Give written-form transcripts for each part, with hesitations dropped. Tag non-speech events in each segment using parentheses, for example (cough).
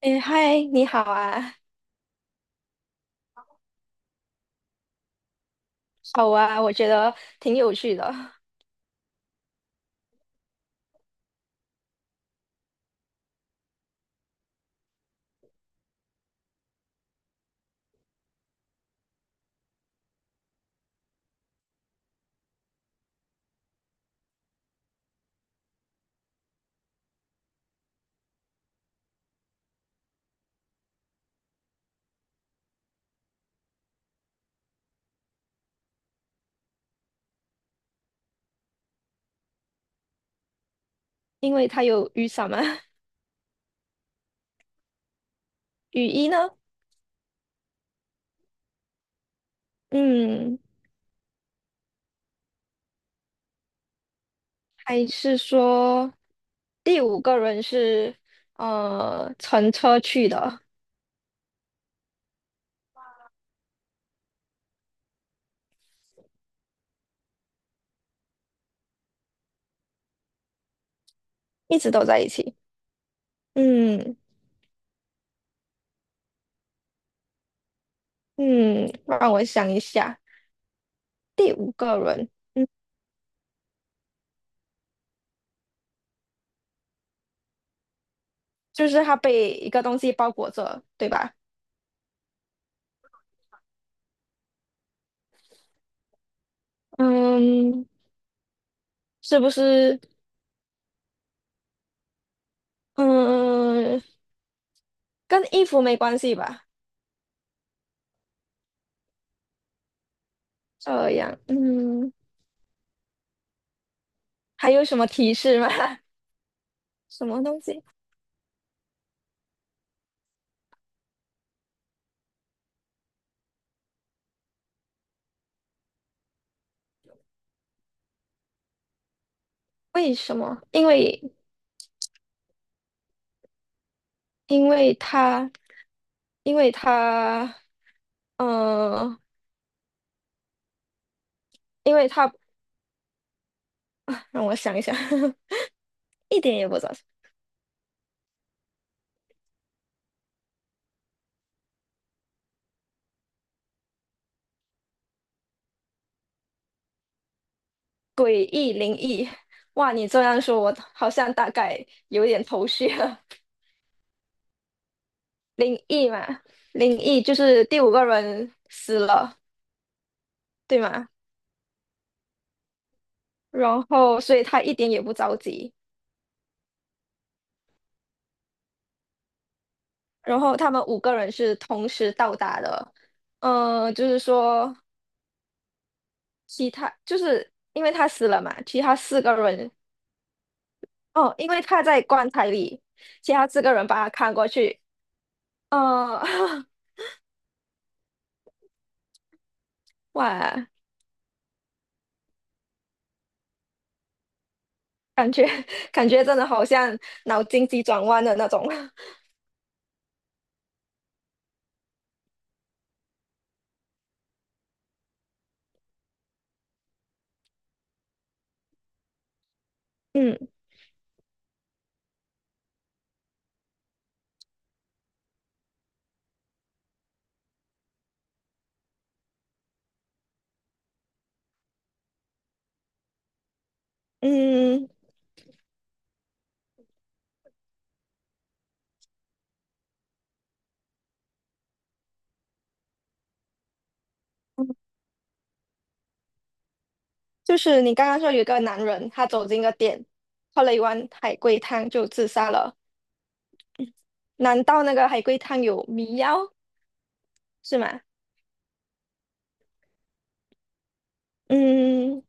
哎，嗨，你好啊。好啊，我觉得挺有趣的。因为它有雨伞嘛。雨衣呢？嗯，还是说第五个人是乘车去的。一直都在一起。嗯嗯，让我想一下，第五个人，嗯，就是他被一个东西包裹着，对吧？嗯，是不是？嗯，跟衣服没关系吧？这样，嗯。还有什么提示吗？(laughs) 什么东西？为什么？因为他因为他呃，因为他啊 (laughs) 让我想一想。(laughs) 一点也不早。诡异灵异，哇！你这样说，我好像大概有点头绪了。(laughs) 灵异嘛，灵异就是第五个人死了，对吗？然后，所以他一点也不着急。然后他们五个人是同时到达的，就是说。其他就是因为他死了嘛，其他四个人哦，因为他在棺材里，其他四个人把他看过去。呃，(laughs) 哇，感觉感觉真的好像脑筋急转弯的那种。(laughs) 嗯嗯，就是你刚刚说有一个男人，他走进一个店，喝了一碗海龟汤就自杀了，难道那个海龟汤有迷药是吗？嗯，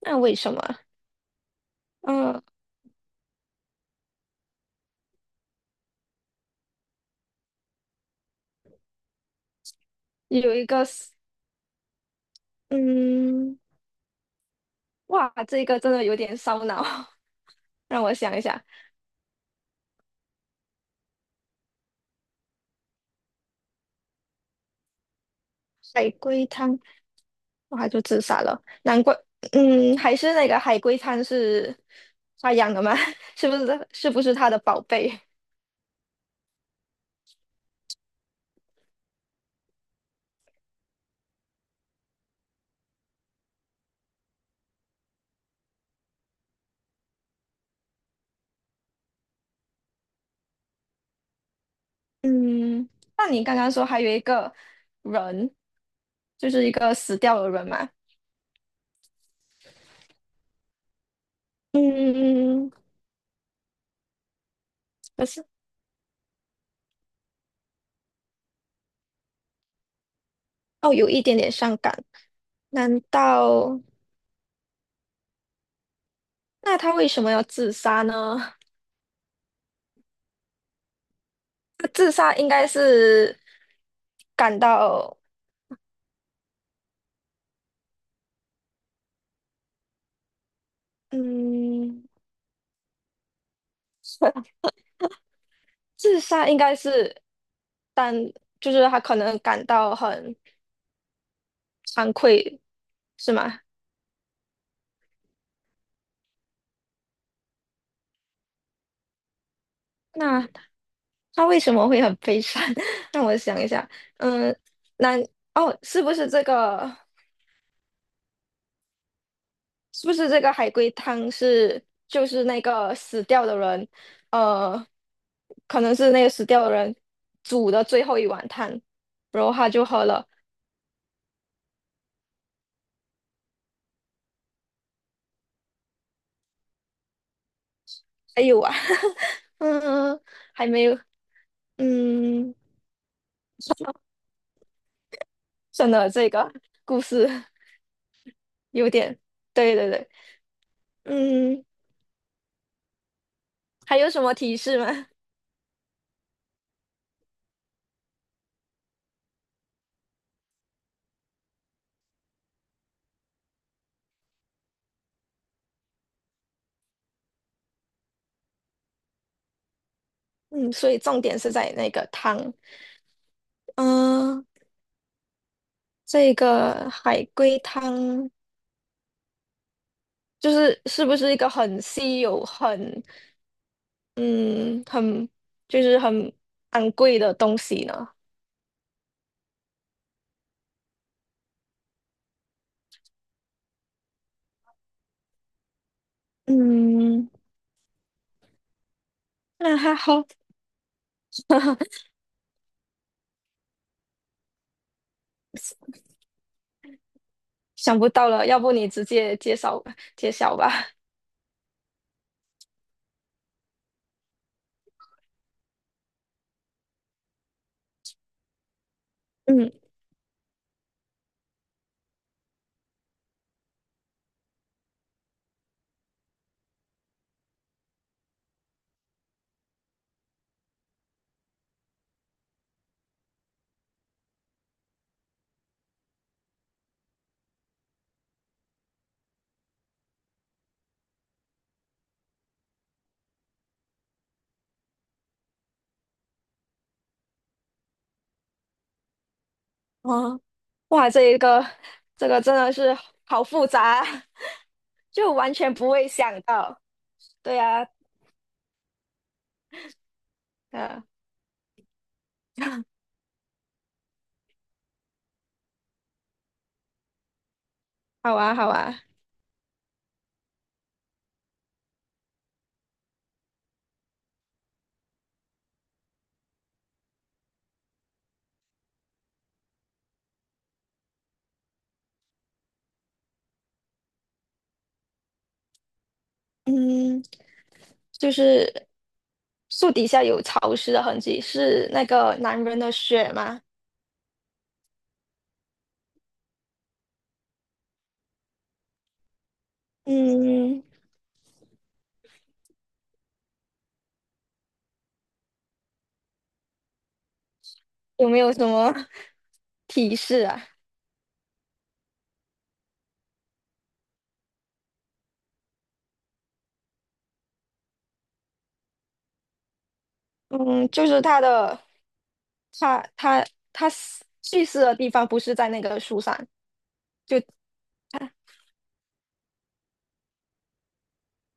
那为什么？嗯，有一个是，嗯。哇，这个真的有点烧脑。(laughs) 让我想一下，海龟汤，哇，还就自杀了，难怪。嗯，还是那个海龟汤是他养的吗？(laughs) 是不是？是不是他的宝贝？嗯，那你刚刚说还有一个人，就是一个死掉的人嘛？嗯，可是哦，有一点点伤感，难道那他为什么要自杀呢？(laughs) 他自杀应该是感到。嗯，(laughs) 自杀应该是但就是他可能感到很惭愧，是吗？那他为什么会很悲伤？(laughs) 让我想一下。嗯，那哦，是不是这个？是不是这个海龟汤是就是那个死掉的人，呃，可能是那个死掉的人煮的最后一碗汤，然后他就喝了。哎呦啊，(laughs) 嗯，还没有，嗯，真的这个故事。有点，对对对。嗯，还有什么提示吗？(laughs) 嗯，所以重点是在那个汤。嗯、这个海龟汤就是是不是一个很稀有、很嗯很就是很昂贵的东西呢？嗯，(laughs) 那还好。(laughs) 想不到了，要不你直接介绍吧，揭晓吧。嗯。哦，哇，这一个这个真的是好复杂。 (laughs) 就完全不会想到。对啊。嗯、(laughs) 好啊，好啊。嗯，就是树底下有潮湿的痕迹，是那个男人的血吗？嗯，有没有什么 (laughs) 提示啊？嗯，就是他的，他他死去世的地方不是在那个树上，就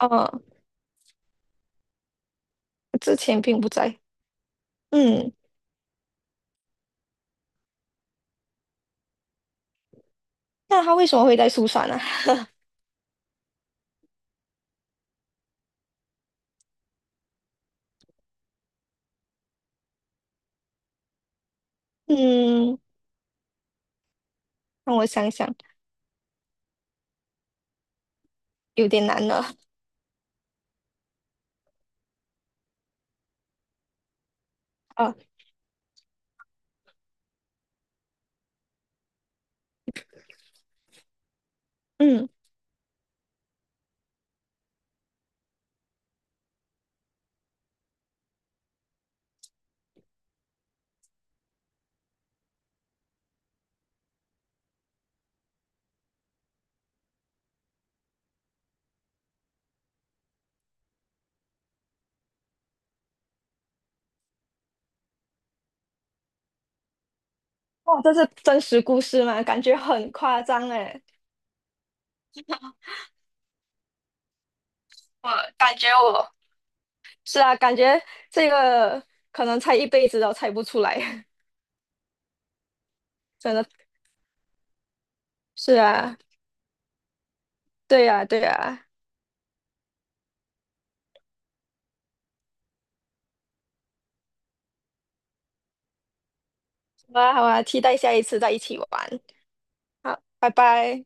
呃之前并不在。嗯。那他为什么会在树上呢？嗯，让我想想。有点难了。啊，嗯，哇，这是真实故事吗？感觉很夸张哎。我感觉我是啊，感觉这个可能猜一辈子都猜不出来。(laughs) 真的是啊，对啊，对啊。好啊，好啊，期待下一次再一起玩。好，拜拜。